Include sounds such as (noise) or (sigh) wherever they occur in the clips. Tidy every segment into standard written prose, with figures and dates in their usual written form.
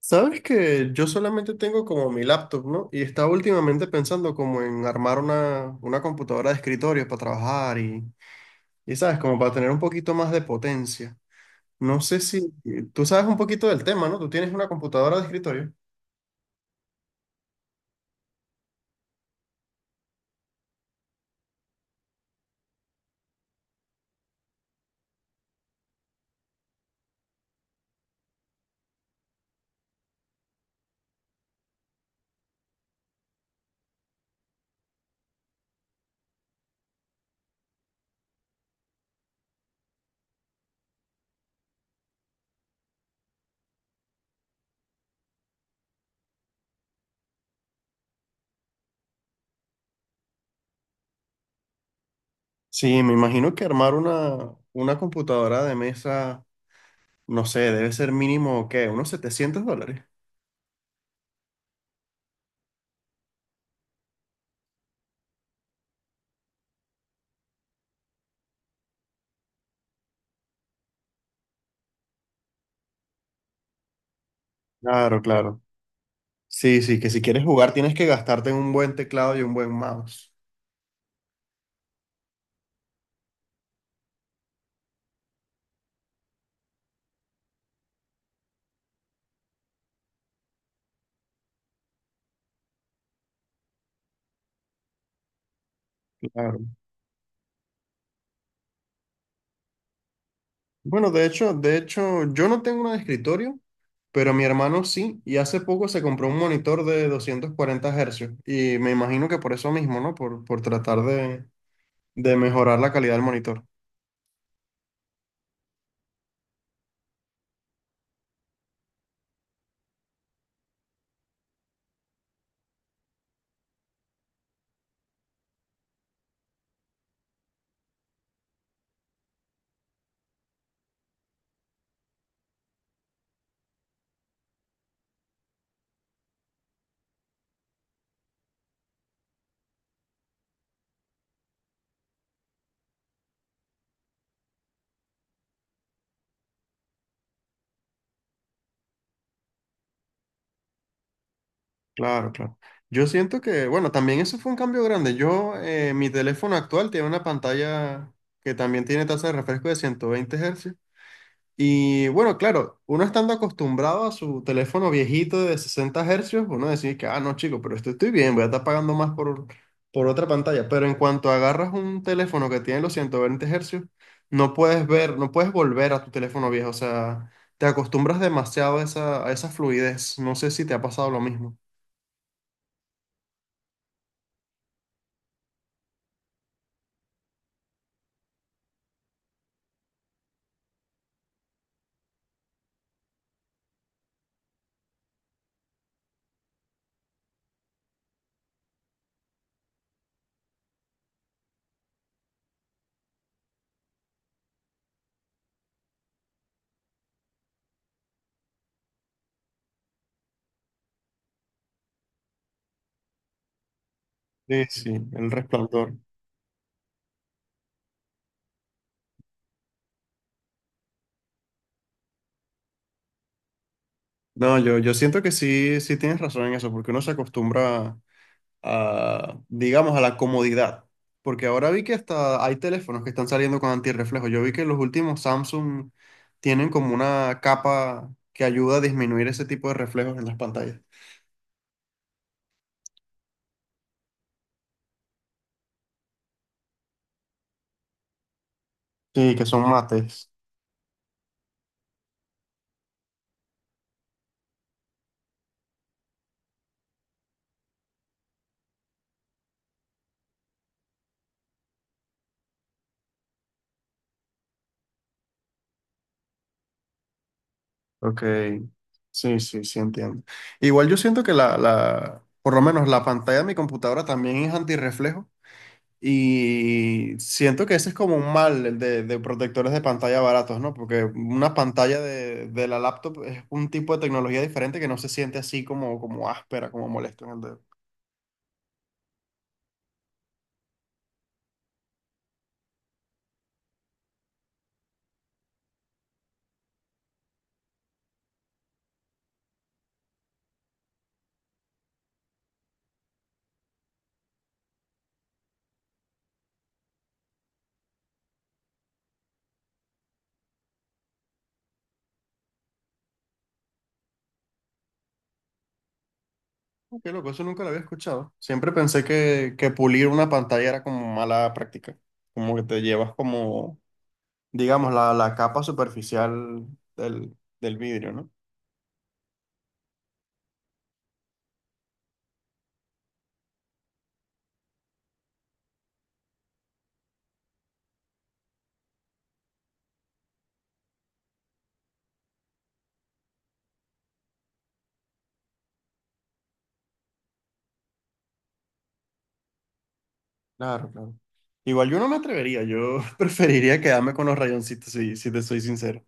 Sabes que yo solamente tengo como mi laptop, ¿no? Y estaba últimamente pensando como en armar una computadora de escritorio para trabajar ¿sabes? Como para tener un poquito más de potencia. No sé si tú sabes un poquito del tema, ¿no? Tú tienes una computadora de escritorio. Sí, me imagino que armar una computadora de mesa, no sé, debe ser mínimo, ¿qué? Unos $700. Claro, claro. Sí, sí, que si quieres jugar tienes que gastarte en un buen teclado y un buen mouse. Claro. Bueno, yo no tengo una de escritorio, pero mi hermano sí, y hace poco se compró un monitor de 240 hercios, y me imagino que por eso mismo, ¿no? Por tratar de mejorar la calidad del monitor. Claro, claro. Yo siento que, bueno, también eso fue un cambio grande. Yo, mi teléfono actual tiene una pantalla que también tiene tasa de refresco de 120 hercios. Y bueno, claro, uno estando acostumbrado a su teléfono viejito de 60 hercios, uno decide que, ah, no, chico, pero esto estoy bien, voy a estar pagando más por otra pantalla. Pero en cuanto agarras un teléfono que tiene los 120 hercios, no puedes volver a tu teléfono viejo. O sea, te acostumbras demasiado a esa fluidez. No sé si te ha pasado lo mismo. Sí, sí, el resplandor. No, yo siento que sí, sí tienes razón en eso, porque uno se acostumbra a, digamos, a la comodidad. Porque ahora vi que hasta hay teléfonos que están saliendo con antirreflejo. Yo vi que los últimos Samsung tienen como una capa que ayuda a disminuir ese tipo de reflejos en las pantallas. Sí, que son mates. Ok. Sí, sí, sí, entiendo. Igual yo siento que por lo menos la pantalla de mi computadora también es antirreflejo. Y siento que ese es como un mal el de protectores de pantalla baratos, ¿no? Porque una pantalla de la laptop es un tipo de tecnología diferente que no se siente así como, como áspera, como molesto en el dedo. Oh, qué loco, eso nunca lo había escuchado. Siempre pensé que pulir una pantalla era como mala práctica. Como que te llevas como, digamos, la capa superficial del vidrio, ¿no? Claro, claro. Igual yo no me atrevería, yo (laughs) preferiría quedarme con los rayoncitos, si te soy sincero.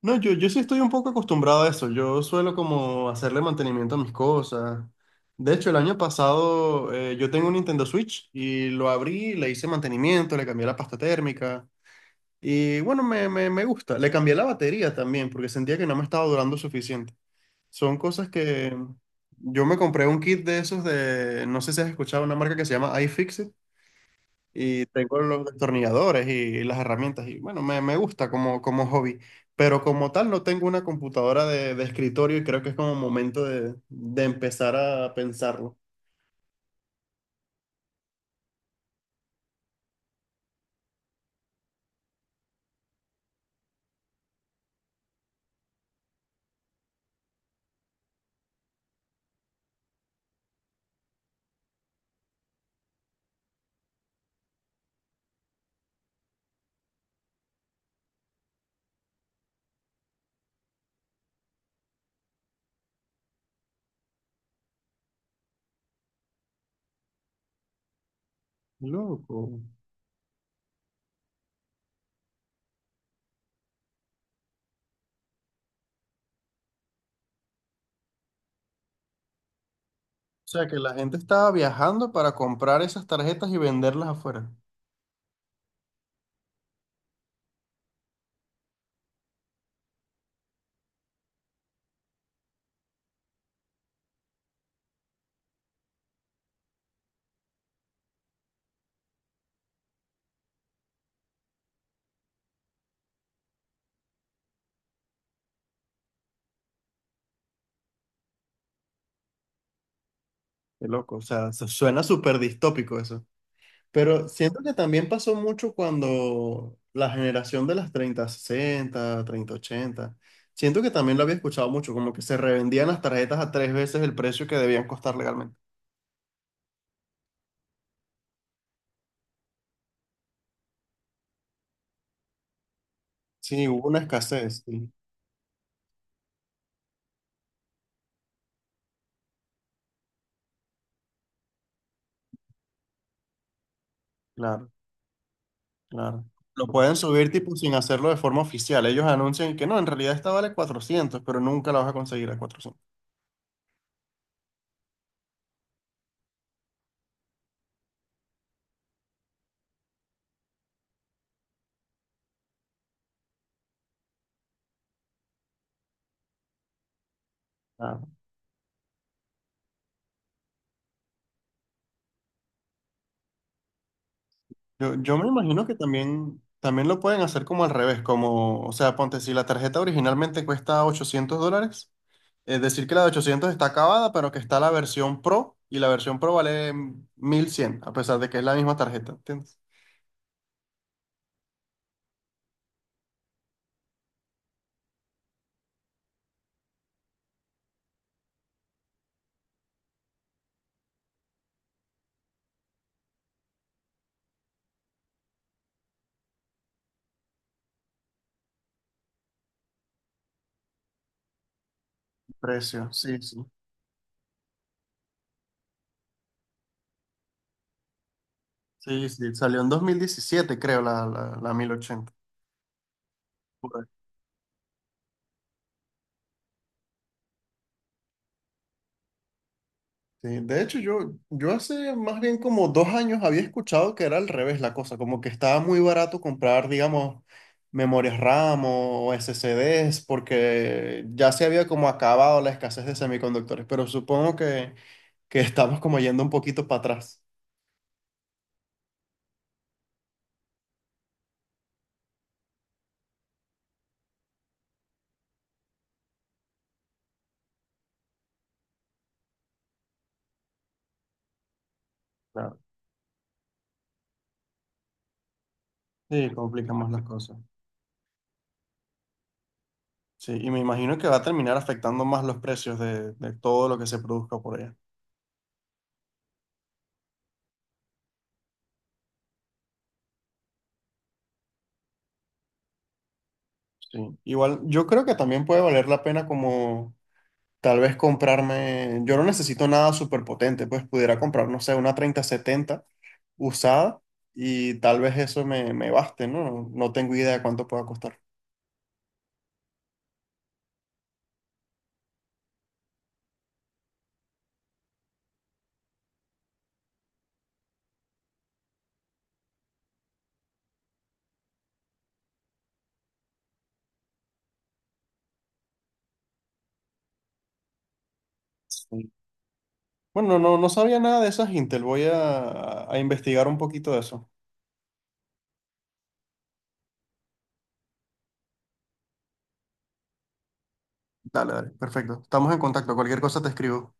No, yo sí estoy un poco acostumbrado a eso. Yo suelo como hacerle mantenimiento a mis cosas. De hecho, el año pasado yo tengo un Nintendo Switch y lo abrí, le hice mantenimiento, le cambié la pasta térmica y bueno, me gusta. Le cambié la batería también porque sentía que no me estaba durando suficiente. Son cosas que yo me compré un kit de esos de, no sé si has escuchado una marca que se llama iFixit y tengo los destornilladores y las herramientas y bueno, me gusta como, como hobby, pero como tal no tengo una computadora de escritorio y creo que es como momento de empezar a pensarlo. Loco. O sea, que la gente estaba viajando para comprar esas tarjetas y venderlas afuera. Qué loco, o sea, suena súper distópico eso. Pero siento que también pasó mucho cuando la generación de las 3060 3080 siento que también lo había escuchado mucho, como que se revendían las tarjetas a tres veces el precio que debían costar legalmente. Sí, hubo una escasez, sí, claro, claro. Lo pueden subir tipo sin hacerlo de forma oficial. Ellos anuncian que no, en realidad esta vale 400 pero nunca la vas a conseguir a 400. Claro. Yo me imagino que también, también lo pueden hacer como al revés, como, o sea, ponte, si la tarjeta originalmente cuesta $800. Es decir, que la de 800 está acabada, pero que está la versión Pro y la versión Pro vale 1100 a pesar de que es la misma tarjeta, ¿entiendes? Precio, sí, sí. Sí, sí, salió en 2017, creo, la 1080. Por ahí. Sí, de hecho, yo hace más bien como 2 años había escuchado que era al revés la cosa, como que estaba muy barato comprar, digamos, memorias RAM o SSDs, porque ya se había como acabado la escasez de semiconductores, pero supongo que estamos como yendo un poquito para atrás. Claro. Sí, complica más las cosas. Sí, y me imagino que va a terminar afectando más los precios de todo lo que se produzca por allá. Sí. Igual, yo creo que también puede valer la pena como tal vez comprarme, yo no necesito nada súper potente, pues pudiera comprar, no sé, una 3070 usada y tal vez eso me baste, ¿no? No tengo idea de cuánto pueda costar. Sí. Bueno, no, no sabía nada de esas Intel, voy a investigar un poquito de eso. Dale, dale, perfecto. Estamos en contacto, cualquier cosa te escribo.